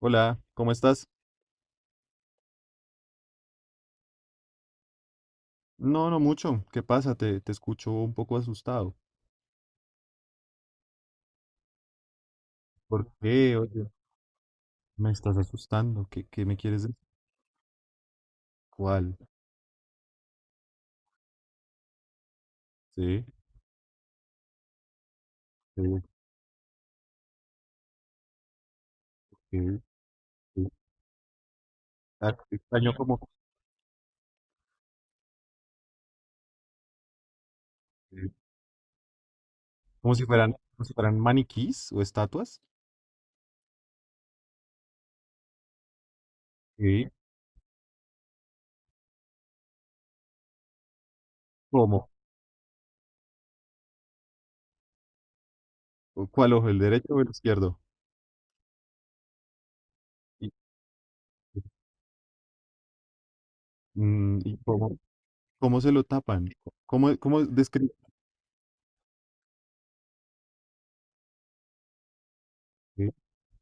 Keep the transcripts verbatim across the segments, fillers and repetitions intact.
Hola, ¿cómo estás? No, no mucho. ¿Qué pasa? Te, te escucho un poco asustado. ¿Por qué? Oye, me estás asustando. ¿Qué, qué me quieres decir? ¿Cuál? Sí, sí, sí, sí. Ah, extraño como, como si fueran, como si fueran maniquís o estatuas. Sí. ¿Cómo? ¿Cuál ojo? ¿El derecho o el izquierdo? ¿Y, mm, y cómo, cómo se lo tapan? ¿Cómo, cómo describe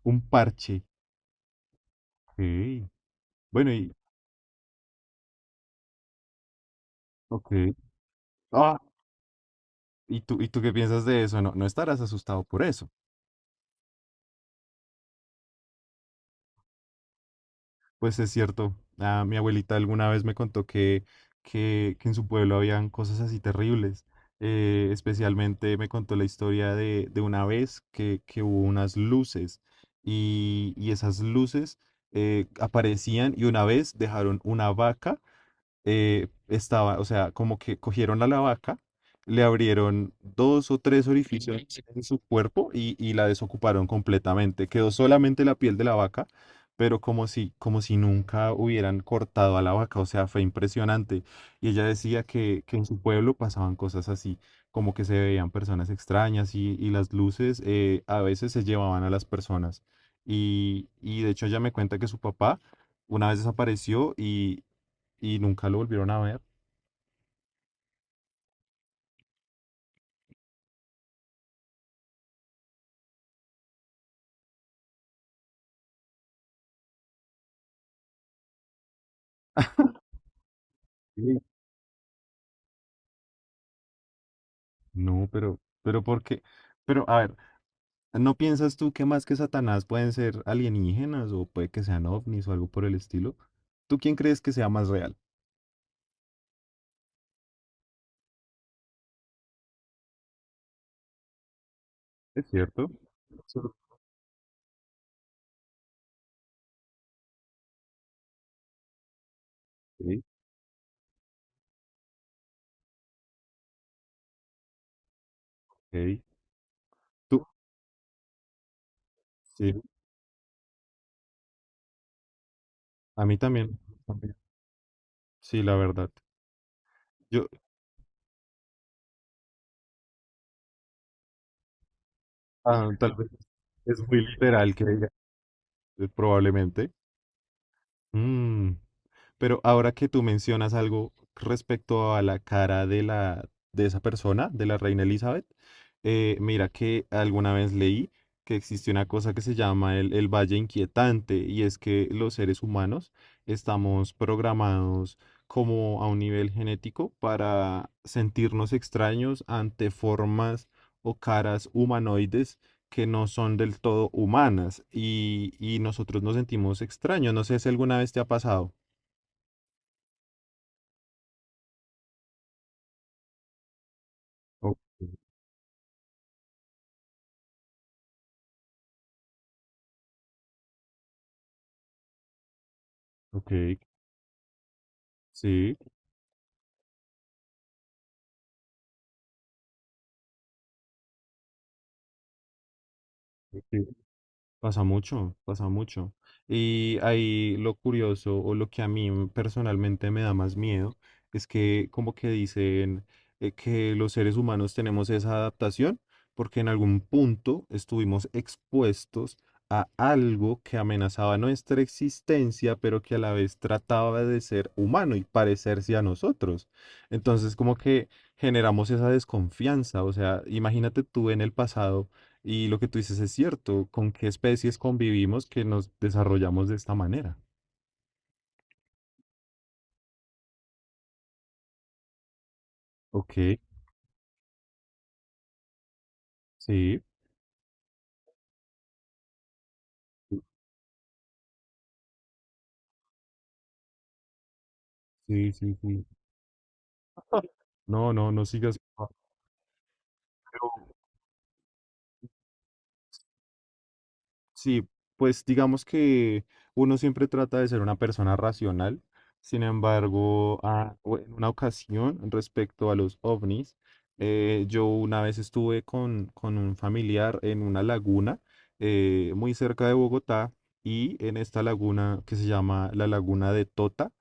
un parche? Sí. Bueno, y. Ok. Ah, ¿Y tú, y tú qué piensas de eso? No, no estarás asustado por eso. Pues es cierto, ah, mi abuelita alguna vez me contó que, que, que en su pueblo habían cosas así terribles. Eh, especialmente me contó la historia de, de una vez que, que hubo unas luces y, y esas luces eh, aparecían, y una vez dejaron una vaca. Eh, estaba, o sea, como que cogieron a la vaca, le abrieron dos o tres orificios en su cuerpo y, y la desocuparon completamente. Quedó solamente la piel de la vaca, pero como si, como si nunca hubieran cortado a la vaca, o sea, fue impresionante. Y ella decía que, que en su pueblo pasaban cosas así, como que se veían personas extrañas y, y las luces eh, a veces se llevaban a las personas. Y, y de hecho ella me cuenta que su papá una vez desapareció y y nunca lo volvieron a ver. Sí. No, pero, pero ¿por qué? Pero, a ver, ¿no piensas tú que más que Satanás pueden ser alienígenas, o puede que sean ovnis o algo por el estilo? ¿Tú quién crees que sea más real? ¿Es cierto? Sor- Sí, ok. Ok. Tú, sí, a mí también. También. Sí, la verdad. Yo, ah, tal vez es muy literal que diga, eh, probablemente. Mm. Pero ahora que tú mencionas algo respecto a la cara de la de esa persona, de la reina Elizabeth, eh, mira que alguna vez leí que existe una cosa que se llama el, el valle inquietante, y es que los seres humanos estamos programados como a un nivel genético para sentirnos extraños ante formas o caras humanoides que no son del todo humanas, y, y nosotros nos sentimos extraños. No sé si alguna vez te ha pasado. Ok, ok, sí, ok, pasa mucho, pasa mucho. Y ahí lo curioso, o lo que a mí m- personalmente me da más miedo, es que como que dicen eh, que los seres humanos tenemos esa adaptación porque en algún punto estuvimos expuestos a algo que amenazaba nuestra existencia, pero que a la vez trataba de ser humano y parecerse a nosotros. Entonces como que generamos esa desconfianza. O sea, imagínate tú en el pasado. Y lo que tú dices es cierto, ¿con qué especies convivimos que nos desarrollamos de esta manera? Ok, sí, sí, sí, sí. No, no, no sigas. Ah, pero. Sí, pues digamos que uno siempre trata de ser una persona racional. Sin embargo, ah, o en una ocasión respecto a los ovnis, eh, yo una vez estuve con, con un familiar en una laguna, eh, muy cerca de Bogotá, y en esta laguna que se llama la Laguna de Tota,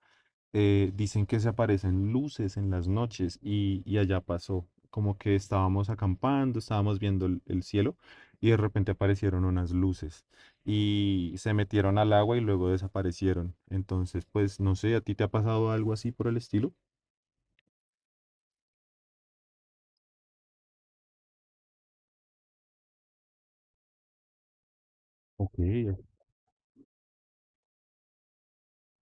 eh, dicen que se aparecen luces en las noches, y, y allá pasó, como que estábamos acampando, estábamos viendo el, el cielo, y de repente aparecieron unas luces y se metieron al agua y luego desaparecieron. Entonces, pues no sé, ¿a ti te ha pasado algo así por el estilo? Ok,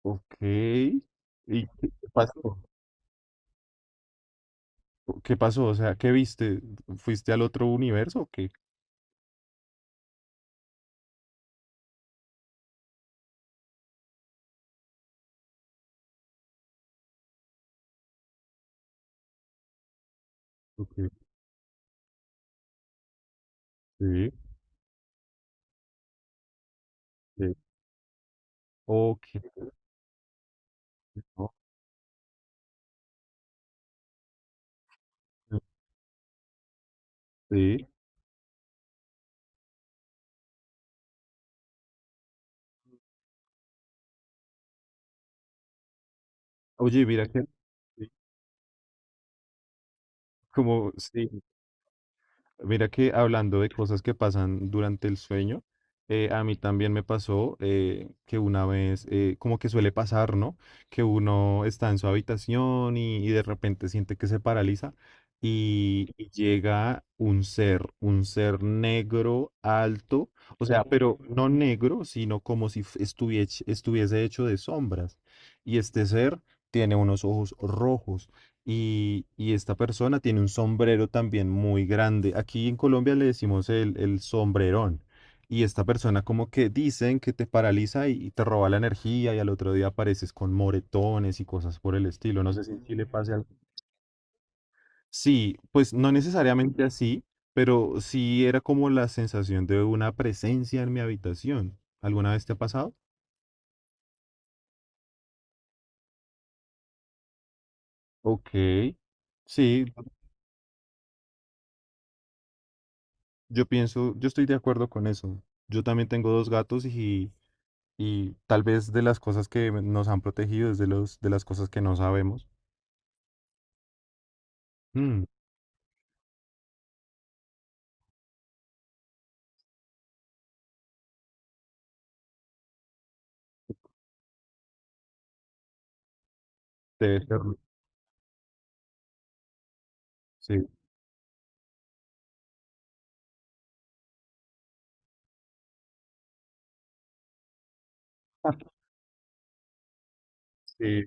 ok. ¿Y qué pasó? ¿Qué pasó? O sea, ¿qué viste? ¿Fuiste al otro universo o qué? Ok, sí, sí. Ok, ok, sí. Oye, mira que sí, como sí, mira que hablando de cosas que pasan durante el sueño, eh, a mí también me pasó eh, que una vez, eh, como que suele pasar, ¿no? Que uno está en su habitación y, y de repente siente que se paraliza y, y llega un ser, un ser negro, alto, o sea, pero no negro, sino como si estuviese, estuviese hecho de sombras. Y este ser tiene unos ojos rojos. Y, y esta persona tiene un sombrero también muy grande. Aquí en Colombia le decimos el, el sombrerón. Y esta persona como que dicen que te paraliza y, y te roba la energía, y al otro día apareces con moretones y cosas por el estilo. No sé si en Chile pase algo. Sí, pues no necesariamente así, pero sí era como la sensación de una presencia en mi habitación. ¿Alguna vez te ha pasado? Ok. Sí, yo pienso, yo estoy de acuerdo con eso. Yo también tengo dos gatos, y, Y tal vez de las cosas que nos han protegido es de los, de las cosas que no sabemos. Mm, debe ser. Sí. Sí,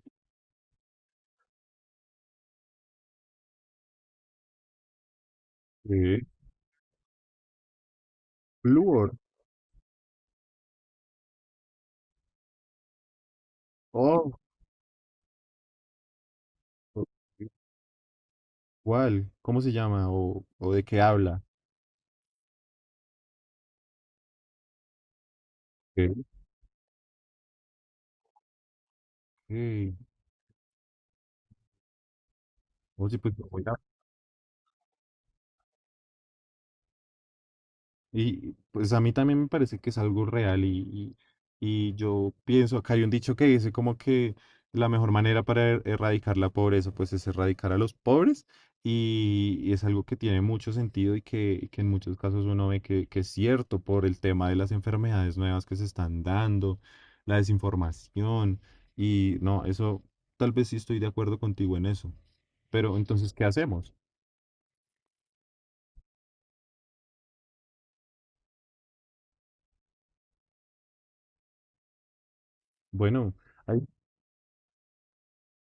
sí. Flúor. Oh, ok. ¿Cuál? ¿Cómo se llama? ¿O, o de qué habla? Ok, ok. Oye, pues, voy a. Y pues a mí también me parece que es algo real, y, y, y yo pienso, acá hay un dicho que dice como que la mejor manera para er- erradicar la pobreza pues es erradicar a los pobres, y, y es algo que tiene mucho sentido, y que, y que en muchos casos uno ve que, que es cierto, por el tema de las enfermedades nuevas que se están dando, la desinformación, y no, eso tal vez sí estoy de acuerdo contigo en eso, pero entonces, ¿qué hacemos? Bueno.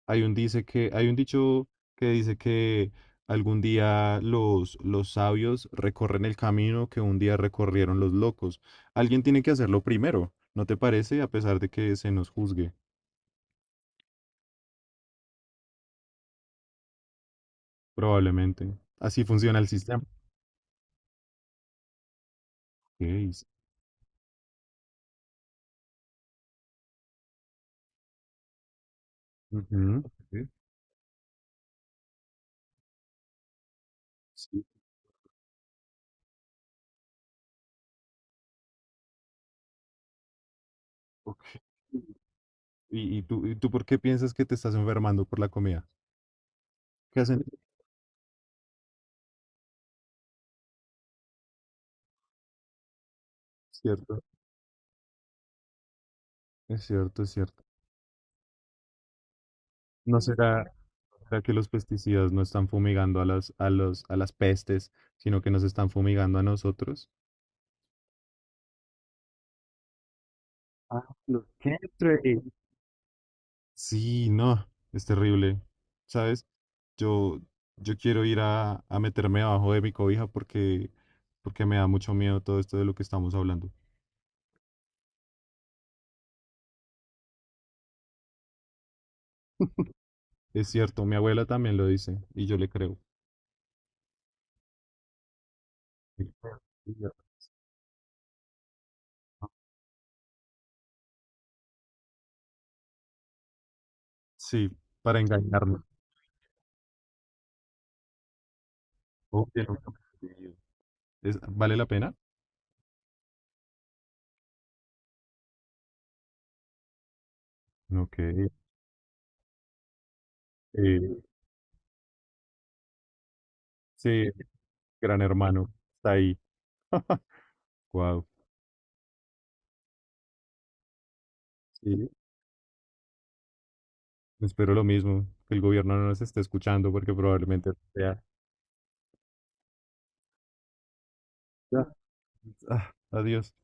Hay un dice que, hay un dicho que dice que algún día los, los sabios recorren el camino que un día recorrieron los locos. Alguien tiene que hacerlo primero, ¿no te parece? A pesar de que se nos juzgue, probablemente. Así funciona el sistema. Ok, s- ujú, ok, sí, ok. ¿Y, y tú, y tú por qué piensas que te estás enfermando por la comida? ¿Qué hacen? Es cierto, es cierto, es cierto. ¿No será, sea, que los pesticidas no están fumigando a las, a los, a las pestes, sino que nos están fumigando a nosotros? Ah, los chemtrails. Sí, no, es terrible. ¿Sabes? Yo, yo quiero ir a, a meterme abajo de mi cobija, porque, porque me da mucho miedo todo esto de lo que estamos hablando. Es cierto, mi abuela también lo dice y yo le creo. Sí, para engañarme. Oh, bien, ok. Es- ¿vale la pena? Ok. eh, sí, Gran Hermano, está ahí. Wow. Sí, espero lo mismo, que el gobierno no nos esté escuchando, porque probablemente sea. Ya. Ah, adiós.